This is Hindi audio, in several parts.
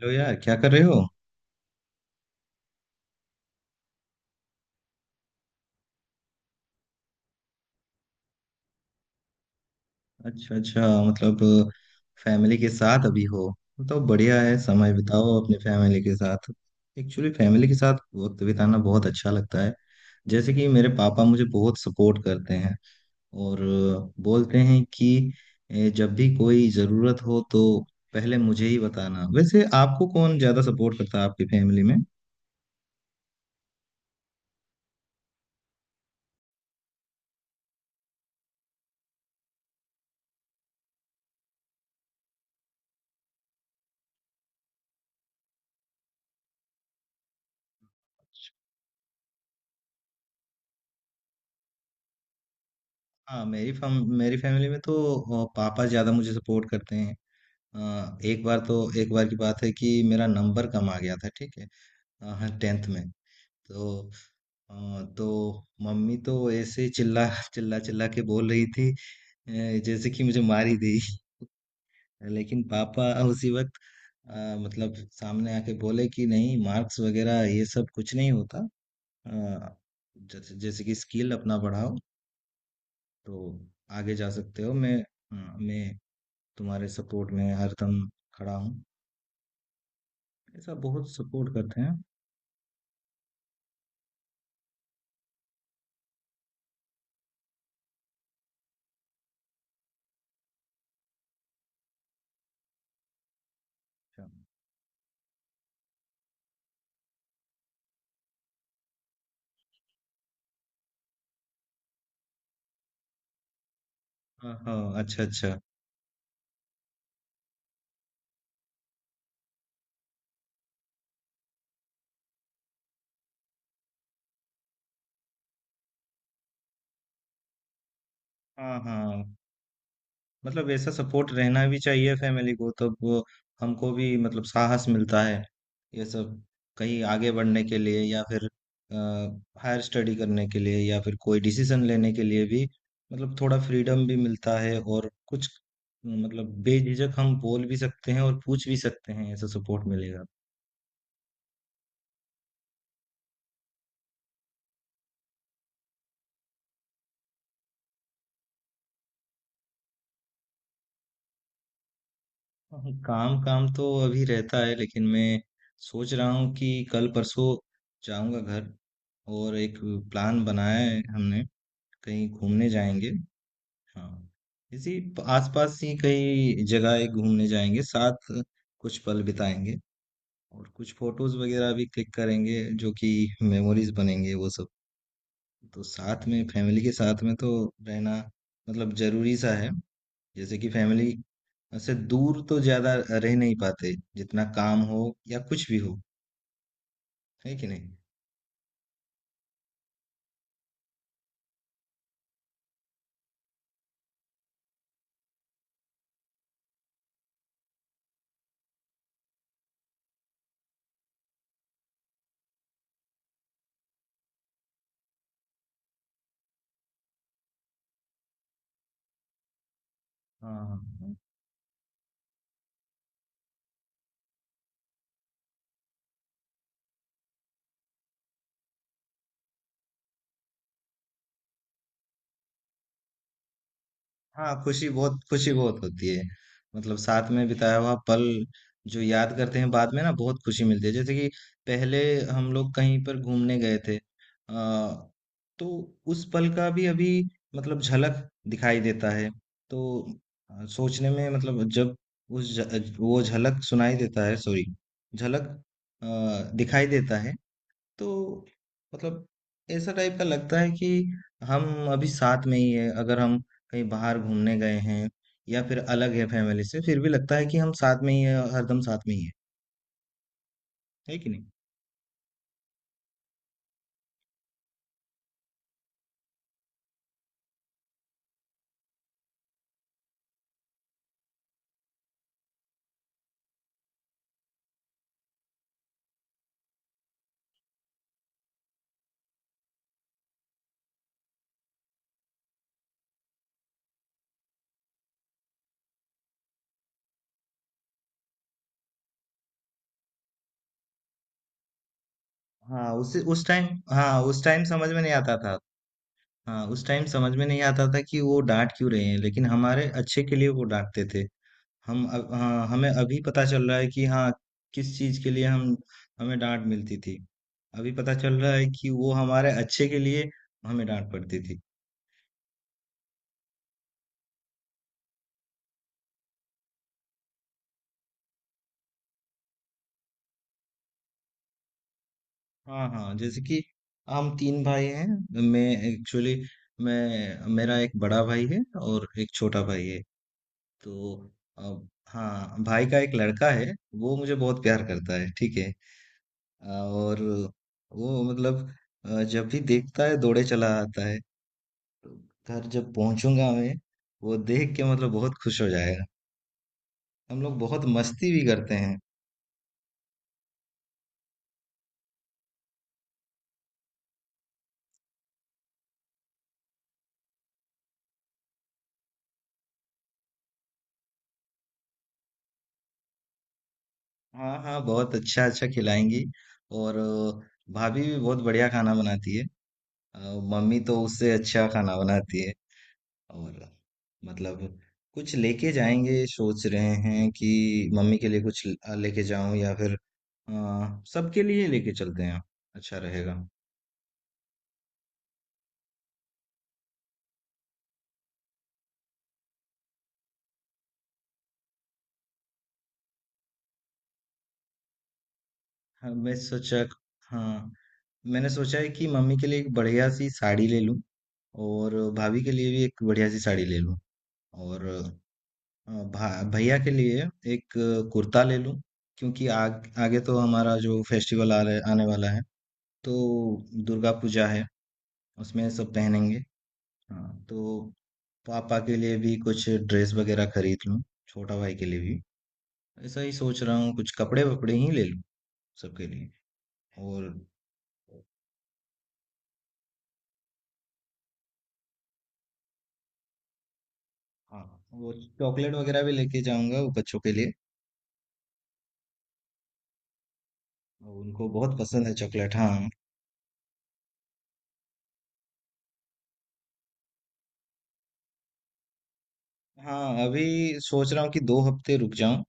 हेलो यार, क्या कर रहे हो? अच्छा, अच्छा, मतलब फैमिली के साथ अभी हो? तो बढ़िया है, समय बिताओ अपने फैमिली के साथ। एक्चुअली फैमिली के साथ वक्त बिताना बहुत अच्छा लगता है। जैसे कि मेरे पापा मुझे बहुत सपोर्ट करते हैं और बोलते हैं कि जब भी कोई ज़रूरत हो तो पहले मुझे ही बताना। वैसे आपको कौन ज़्यादा सपोर्ट करता है आपकी फैमिली में? हाँ, मेरी फैमिली में तो पापा ज़्यादा मुझे सपोर्ट करते हैं। एक बार, तो एक बार की बात है कि मेरा नंबर कम आ गया था, ठीक है? हाँ, 10th में। तो अ, तो मम्मी तो ऐसे ही चिल्ला-चिल्ला के बोल रही थी, जैसे कि मुझे मार ही देगी। लेकिन पापा उसी वक़्त अ, मतलब सामने आके बोले कि नहीं, मार्क्स वग़ैरह ये सब कुछ नहीं होता। अ, जैसे जैसे कि स्किल अपना बढ़ाओ तो आगे जा सकते हो। मैं तुम्हारे सपोर्ट में हरदम खड़ा हूँ। ऐसा बहुत सपोर्ट करते हैं। हाँ, हाँ, अच्छा, अच्छा। हाँ, हाँ, मतलब ऐसा सपोर्ट रहना भी चाहिए फैमिली को, तब वो हमको भी मतलब साहस मिलता है ये सब, कहीं आगे बढ़ने के लिए या फिर हायर स्टडी करने के लिए या फिर कोई डिसीजन लेने के लिए भी। मतलब थोड़ा फ्रीडम भी मिलता है, और कुछ मतलब बेझिझक हम बोल भी सकते हैं और पूछ भी सकते हैं, ऐसा सपोर्ट मिलेगा। हाँ, काम काम तो अभी रहता है लेकिन मैं सोच रहा हूँ कि कल परसों जाऊंगा घर, और एक प्लान बनाया है हमने, कहीं घूमने जाएंगे। हाँ, आसपास ही कई जगह एक घूमने जाएंगे साथ, कुछ पल बिताएंगे और कुछ फोटोज वगैरह भी क्लिक करेंगे जो कि मेमोरीज बनेंगे वो सब। तो साथ में फैमिली के साथ में तो रहना मतलब जरूरी सा है। जैसे कि फैमिली से दूर तो ज्यादा रह नहीं पाते, जितना काम हो या कुछ भी हो, है कि नहीं? हाँ, हाँ, हाँ, खुशी बहुत होती है। मतलब साथ में बिताया हुआ पल जो याद करते हैं बाद में ना, बहुत खुशी मिलती है। जैसे कि पहले हम लोग कहीं पर घूमने गए थे, तो उस पल का भी अभी मतलब झलक दिखाई देता है। तो सोचने में मतलब जब वो झलक सुनाई देता है, सॉरी, झलक अ, दिखाई देता है। तो मतलब ऐसा टाइप का लगता है कि हम अभी साथ में ही है। अगर हम कहीं बाहर घूमने गए हैं या फिर अलग है फैमिली से, फिर भी लगता है कि हम साथ में ही है, हरदम साथ में ही है कि नहीं? हाँ उस उस टाइम हाँ उस टाइम समझ में नहीं आता था हाँ, उस टाइम समझ में नहीं आता था कि वो डांट क्यों रहे हैं, लेकिन हमारे अच्छे के लिए वो डांटते थे। हमें अभी पता चल रहा है कि हाँ, किस चीज के लिए हम हमें डांट मिलती थी। अभी पता चल रहा है कि वो हमारे अच्छे के लिए हमें डांट पड़ती थी। हाँ, हाँ, जैसे कि हम तीन भाई हैं। मैं एक्चुअली मैं मेरा एक बड़ा भाई है और एक छोटा भाई है। तो अब हाँ, भाई का एक लड़का है, वो मुझे बहुत प्यार करता है, ठीक है। और वो मतलब जब भी देखता है दौड़े चला आता है। घर जब पहुंचूंगा मैं, वो देख के मतलब बहुत खुश हो जाएगा। हम लोग बहुत मस्ती भी करते हैं। हाँ, हाँ, बहुत अच्छा अच्छा खिलाएंगी। और भाभी भी बहुत बढ़िया खाना बनाती है। अ, मम्मी तो उससे अच्छा खाना बनाती है। और मतलब कुछ लेके जाएंगे, सोच रहे हैं कि मम्मी के लिए कुछ लेके जाऊं, या फिर सबके लिए लेके चलते हैं, अच्छा रहेगा। हाँ मैं सोचा हाँ, मैंने सोचा है कि मम्मी के लिए एक बढ़िया सी साड़ी ले लूं और भाभी के लिए भी एक बढ़िया सी साड़ी ले लूँ। और भैया के लिए एक कुर्ता ले लूँ, क्योंकि आगे तो हमारा जो आने वाला है। तो दुर्गा पूजा है, उसमें सब पहनेंगे। हाँ, तो पापा के लिए भी कुछ ड्रेस वगैरह खरीद लूँ, छोटा भाई के लिए भी। ऐसा ही सोच रहा हूँ कुछ कपड़े वपड़े ही ले लूँ सबके लिए। और हाँ, वो चॉकलेट वगैरह भी लेके जाऊंगा, वो बच्चों के लिए। उनको बहुत पसंद है चॉकलेट, हाँ। हाँ, अभी सोच रहा हूँ कि 2 हफ्ते रुक जाऊँ।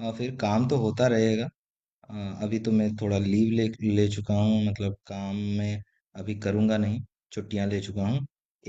फिर काम तो होता रहेगा। आ, अभी तो मैं थोड़ा लीव ले ले चुका हूँ, मतलब काम में अभी करूँगा नहीं, छुट्टियाँ ले चुका हूँ।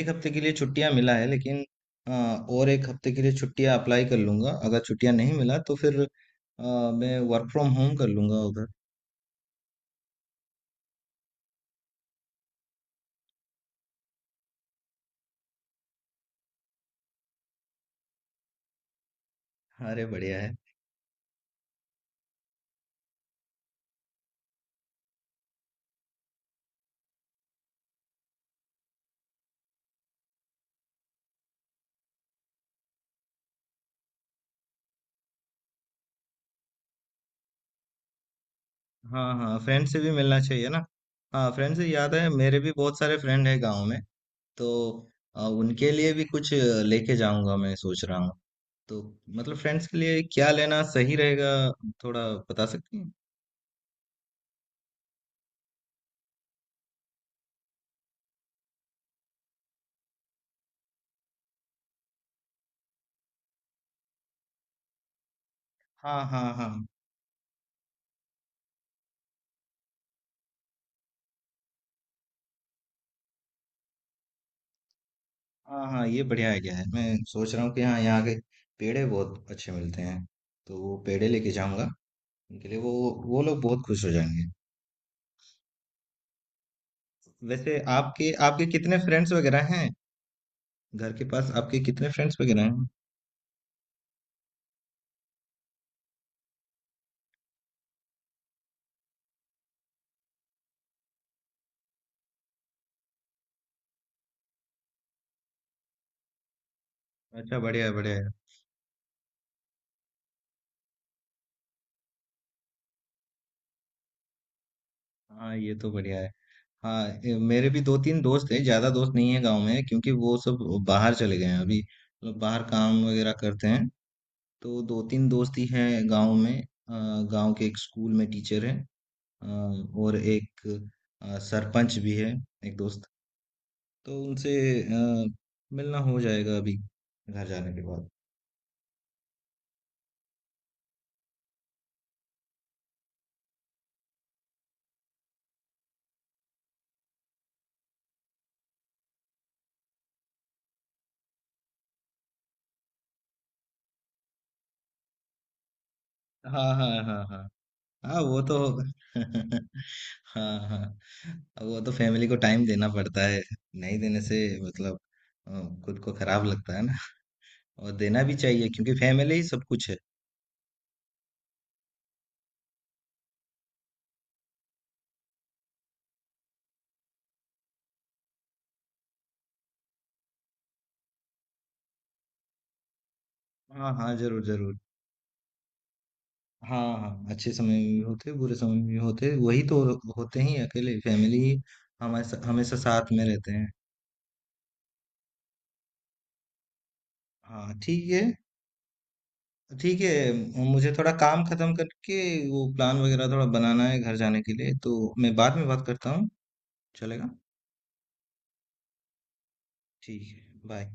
1 हफ्ते के लिए छुट्टियाँ मिला है, लेकिन और 1 हफ्ते के लिए छुट्टियाँ अप्लाई कर लूँगा। अगर छुट्टियाँ नहीं मिला तो फिर मैं वर्क फ्रॉम होम कर लूँगा उधर। अरे, बढ़िया है। हाँ, हाँ, फ्रेंड से भी मिलना चाहिए ना। हाँ, फ्रेंड से याद है, मेरे भी बहुत सारे फ्रेंड है गाँव में। तो उनके लिए भी कुछ लेके जाऊंगा, मैं सोच रहा हूँ। तो मतलब फ्रेंड्स के लिए क्या लेना सही रहेगा, थोड़ा बता सकती हैं? हाँ, हाँ, हाँ, हाँ, हाँ ये बढ़िया आइडिया है। मैं सोच रहा हूँ कि हाँ, यहाँ के पेड़े बहुत अच्छे मिलते हैं, तो वो पेड़े लेके जाऊंगा उनके लिए। वो लोग बहुत खुश हो जाएंगे। वैसे आपके आपके कितने फ्रेंड्स वगैरह हैं, घर के पास आपके कितने फ्रेंड्स वगैरह हैं? अच्छा, बढ़िया है, बढ़िया है। हाँ, ये तो बढ़िया है। हाँ, मेरे भी दो तीन दोस्त हैं, ज्यादा दोस्त नहीं है गांव में क्योंकि वो सब बाहर चले गए हैं अभी, मतलब बाहर काम वगैरह करते हैं। तो दो तीन दोस्त ही हैं गांव में। गांव के एक स्कूल में टीचर हैं। अ, और एक सरपंच भी है एक दोस्त। तो उनसे अ, मिलना हो जाएगा अभी घर जाने के बाद। हाँ, हाँ, हाँ, हाँ, हाँ वो तो होगा। हाँ, हाँ, अब वो तो फैमिली को टाइम देना पड़ता है। नहीं देने से मतलब अ, खुद को खराब लगता है ना। और देना भी चाहिए, क्योंकि फैमिली ही सब कुछ है। हाँ, हाँ, जरूर, जरूर। हाँ, हाँ, अच्छे समय में भी होते, बुरे समय में भी होते, वही तो होते ही। अकेले फैमिली ही हमारे हमेशा साथ में रहते हैं। हाँ, ठीक है, ठीक है। मुझे थोड़ा काम खत्म करके वो प्लान वगैरह थोड़ा बनाना है घर जाने के लिए, तो मैं बाद में बात करता हूँ। चलेगा? ठीक है। बाय।